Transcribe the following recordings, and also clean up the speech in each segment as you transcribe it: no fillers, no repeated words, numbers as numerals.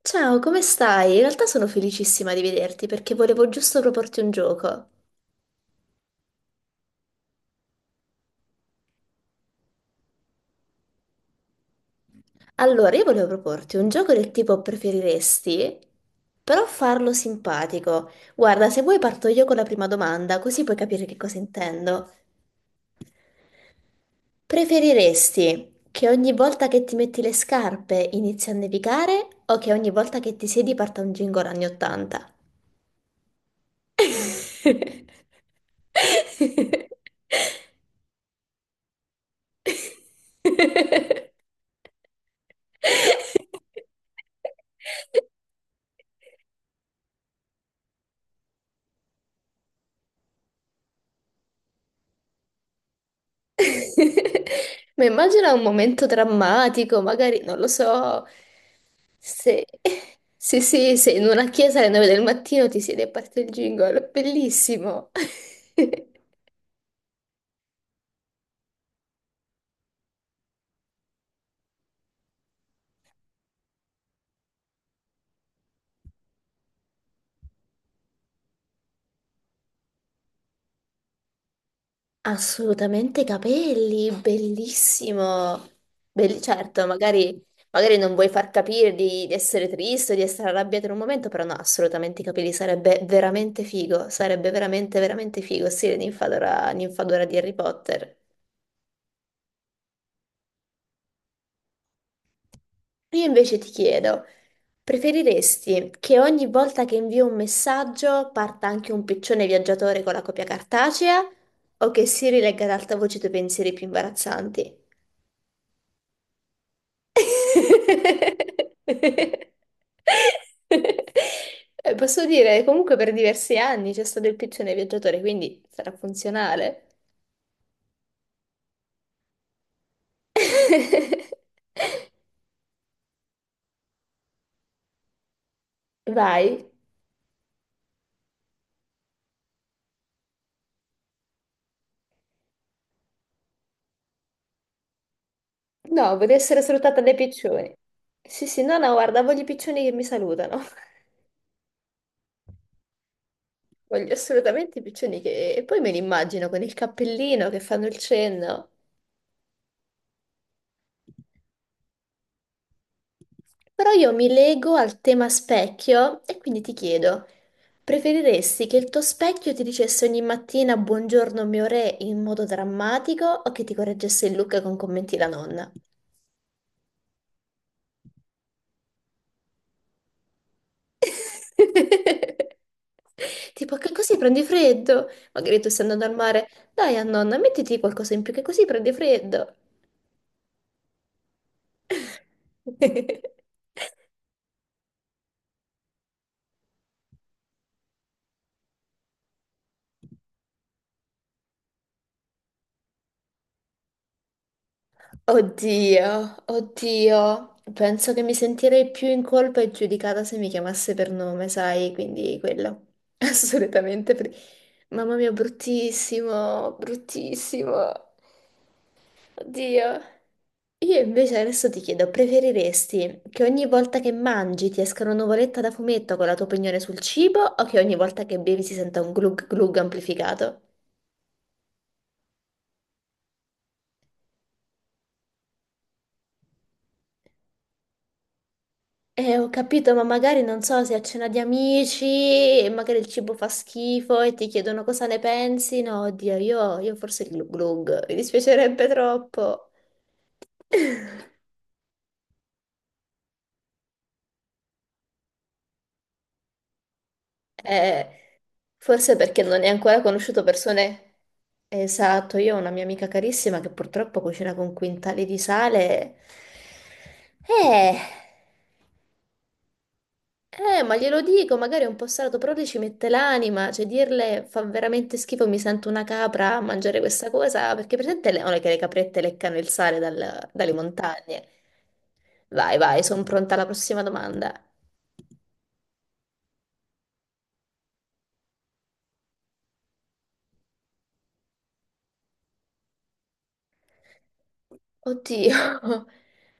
Ciao, come stai? In realtà sono felicissima di vederti perché volevo giusto proporti un gioco. Allora, io volevo proporti un gioco del tipo preferiresti, però farlo simpatico. Guarda, se vuoi parto io con la prima domanda, così puoi capire che cosa intendo. Preferiresti che ogni volta che ti metti le scarpe inizi a nevicare o che ogni volta che ti siedi parta un jingle anni 80? Ma immagina un momento drammatico, magari, non lo so, se, se in una chiesa alle 9 del mattino ti siede e parte il jingle, bellissimo. Assolutamente capelli, bellissimo. Belli- certo, magari, magari non vuoi far capire di essere triste o di essere arrabbiata in un momento, però no, assolutamente i capelli sarebbe veramente figo, sarebbe veramente, veramente figo, stile ninfadora, ninfadora di Harry Potter. Io invece ti chiedo, preferiresti che ogni volta che invio un messaggio parta anche un piccione viaggiatore con la copia cartacea o che si rilegga ad alta voce i tuoi pensieri più imbarazzanti? Posso dire, comunque per diversi anni c'è stato il piccione viaggiatore, quindi sarà funzionale. Vai. No, voglio essere salutata dai piccioni. Sì, sì, no, no, guarda, voglio i piccioni che mi salutano. Voglio assolutamente i piccioni che... E poi me li immagino con il cappellino che fanno il cenno. Però io mi lego al tema specchio e quindi ti chiedo, preferiresti che il tuo specchio ti dicesse ogni mattina buongiorno mio re in modo drammatico o che ti correggesse il look con commenti da nonna? Tipo, che così prendi freddo? Magari tu stai andando al mare, dai a nonna, mettiti qualcosa in più che così prendi freddo. Oddio, oddio, penso che mi sentirei più in colpa e giudicata se mi chiamasse per nome, sai, quindi quello, assolutamente. Per- mamma mia, bruttissimo, bruttissimo, oddio. Io invece adesso ti chiedo, preferiresti che ogni volta che mangi ti esca una nuvoletta da fumetto con la tua opinione sul cibo o che ogni volta che bevi si senta un glug glug amplificato? Ho capito, ma magari non so se a cena di amici e magari il cibo fa schifo e ti chiedono cosa ne pensi. No, oddio, io forse il glug glug, mi dispiacerebbe troppo. Eh, forse perché non hai ancora conosciuto persone. Esatto, io ho una mia amica carissima che purtroppo cucina con quintali di sale. Eh. Ma glielo dico, magari è un po' salato, però lei ci mette l'anima, cioè dirle fa veramente schifo, mi sento una capra a mangiare questa cosa, perché presente le, non è che le caprette leccano il sale dal- dalle montagne. Vai, vai, sono pronta alla prossima domanda. Oddio,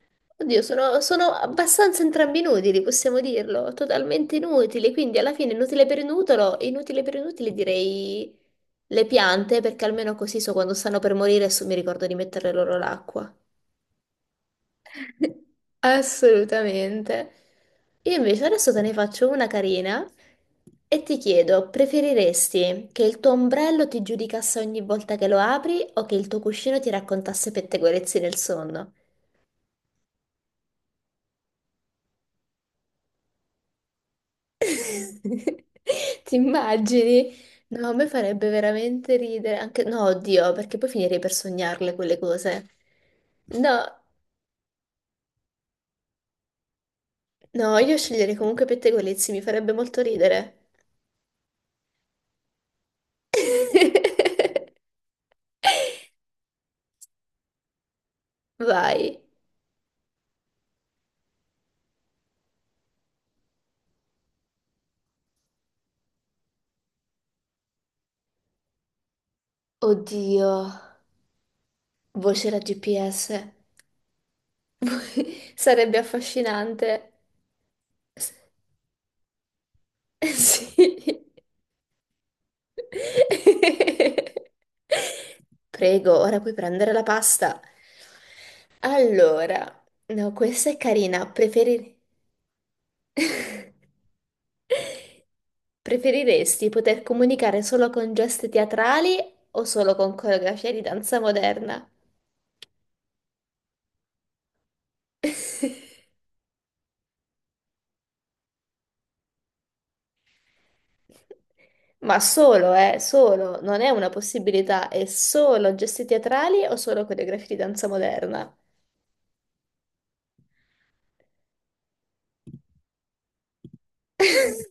oddio, sono abbastanza entrambi inutili, possiamo dirlo, totalmente inutili, quindi alla fine inutile per inutile direi le piante, perché almeno così so quando stanno per morire e so- mi ricordo di mettere loro l'acqua. Assolutamente. Io invece adesso te ne faccio una carina e ti chiedo, preferiresti che il tuo ombrello ti giudicasse ogni volta che lo apri o che il tuo cuscino ti raccontasse pettegolezzi nel sonno? Ti immagini? No, a me farebbe veramente ridere, anche no, oddio, perché poi finirei per sognarle quelle cose. No, no, io sceglierei comunque pettegolezzi, mi farebbe molto ridere. Vai. Oddio, voce da GPS. Sarebbe affascinante. S- Sì. Prego, ora puoi prendere la pasta. Allora, no, questa è carina. Preferi- preferiresti poter comunicare solo con gesti teatrali o solo con coreografie di danza moderna? Ma solo, solo, non è una possibilità, è solo gesti teatrali o solo coreografie di danza moderna?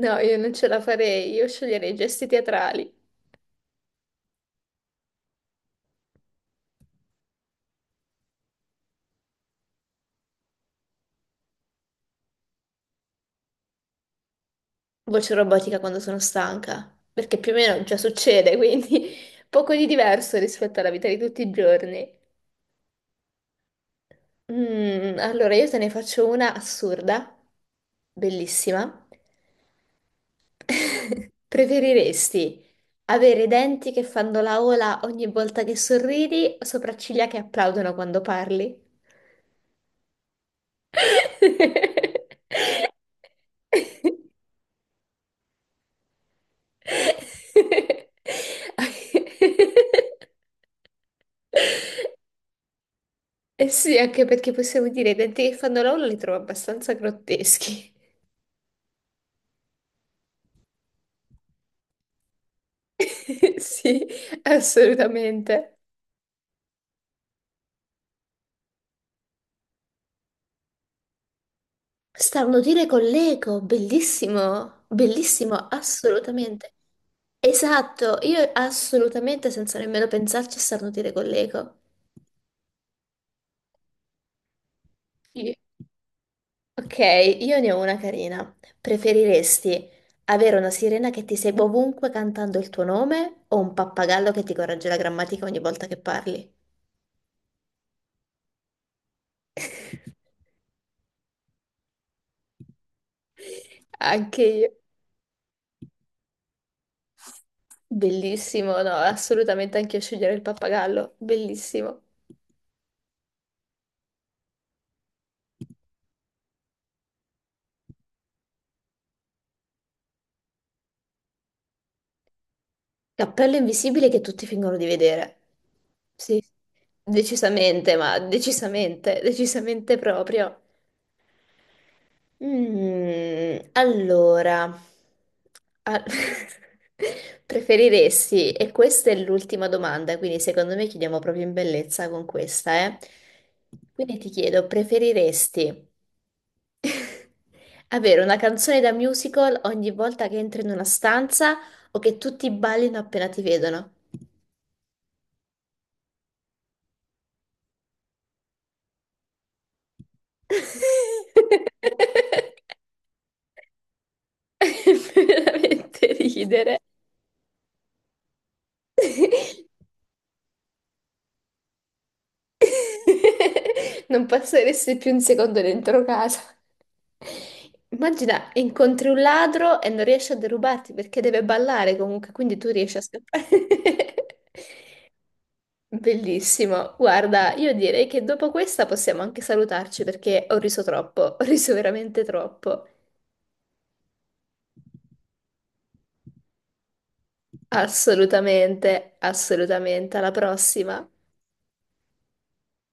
No, io non ce la farei, io sceglierei gesti teatrali. Voce robotica quando sono stanca, perché più o meno già succede, quindi poco di diverso rispetto alla vita di tutti i giorni. Mm, allora, io te ne faccio una assurda, bellissima. Preferiresti avere i denti che fanno la ola ogni volta che sorridi o sopracciglia che applaudono quando parli? Eh sì, anche perché possiamo dire i denti che fanno la ola li trovo abbastanza grotteschi. Sì, assolutamente. Starnutire con l'eco, bellissimo, bellissimo, assolutamente. Esatto, io assolutamente senza nemmeno pensarci starnutire con l'eco. Sì. Ok, io ne ho una carina. Preferiresti avere una sirena che ti segue ovunque cantando il tuo nome o un pappagallo che ti corregge la grammatica ogni volta che parli? Anche io. Bellissimo, no, assolutamente anche io sceglierei il pappagallo, bellissimo. L'appello invisibile che tutti fingono di vedere. Sì, decisamente, ma decisamente proprio. Mm, allora, a- preferiresti, e questa è l'ultima domanda, quindi secondo me chiudiamo proprio in bellezza con questa, eh? Quindi ti chiedo, preferiresti avere una canzone da musical ogni volta che entri in una stanza o che tutti ballino appena ti vedono? Veramente ridere. Non passeresti più un secondo dentro casa. Immagina, incontri un ladro e non riesci a derubarti perché deve ballare comunque, quindi tu riesci a scappare. Bellissimo. Guarda, io direi che dopo questa possiamo anche salutarci perché ho riso troppo, ho riso veramente troppo. Assolutamente, assolutamente. Alla prossima.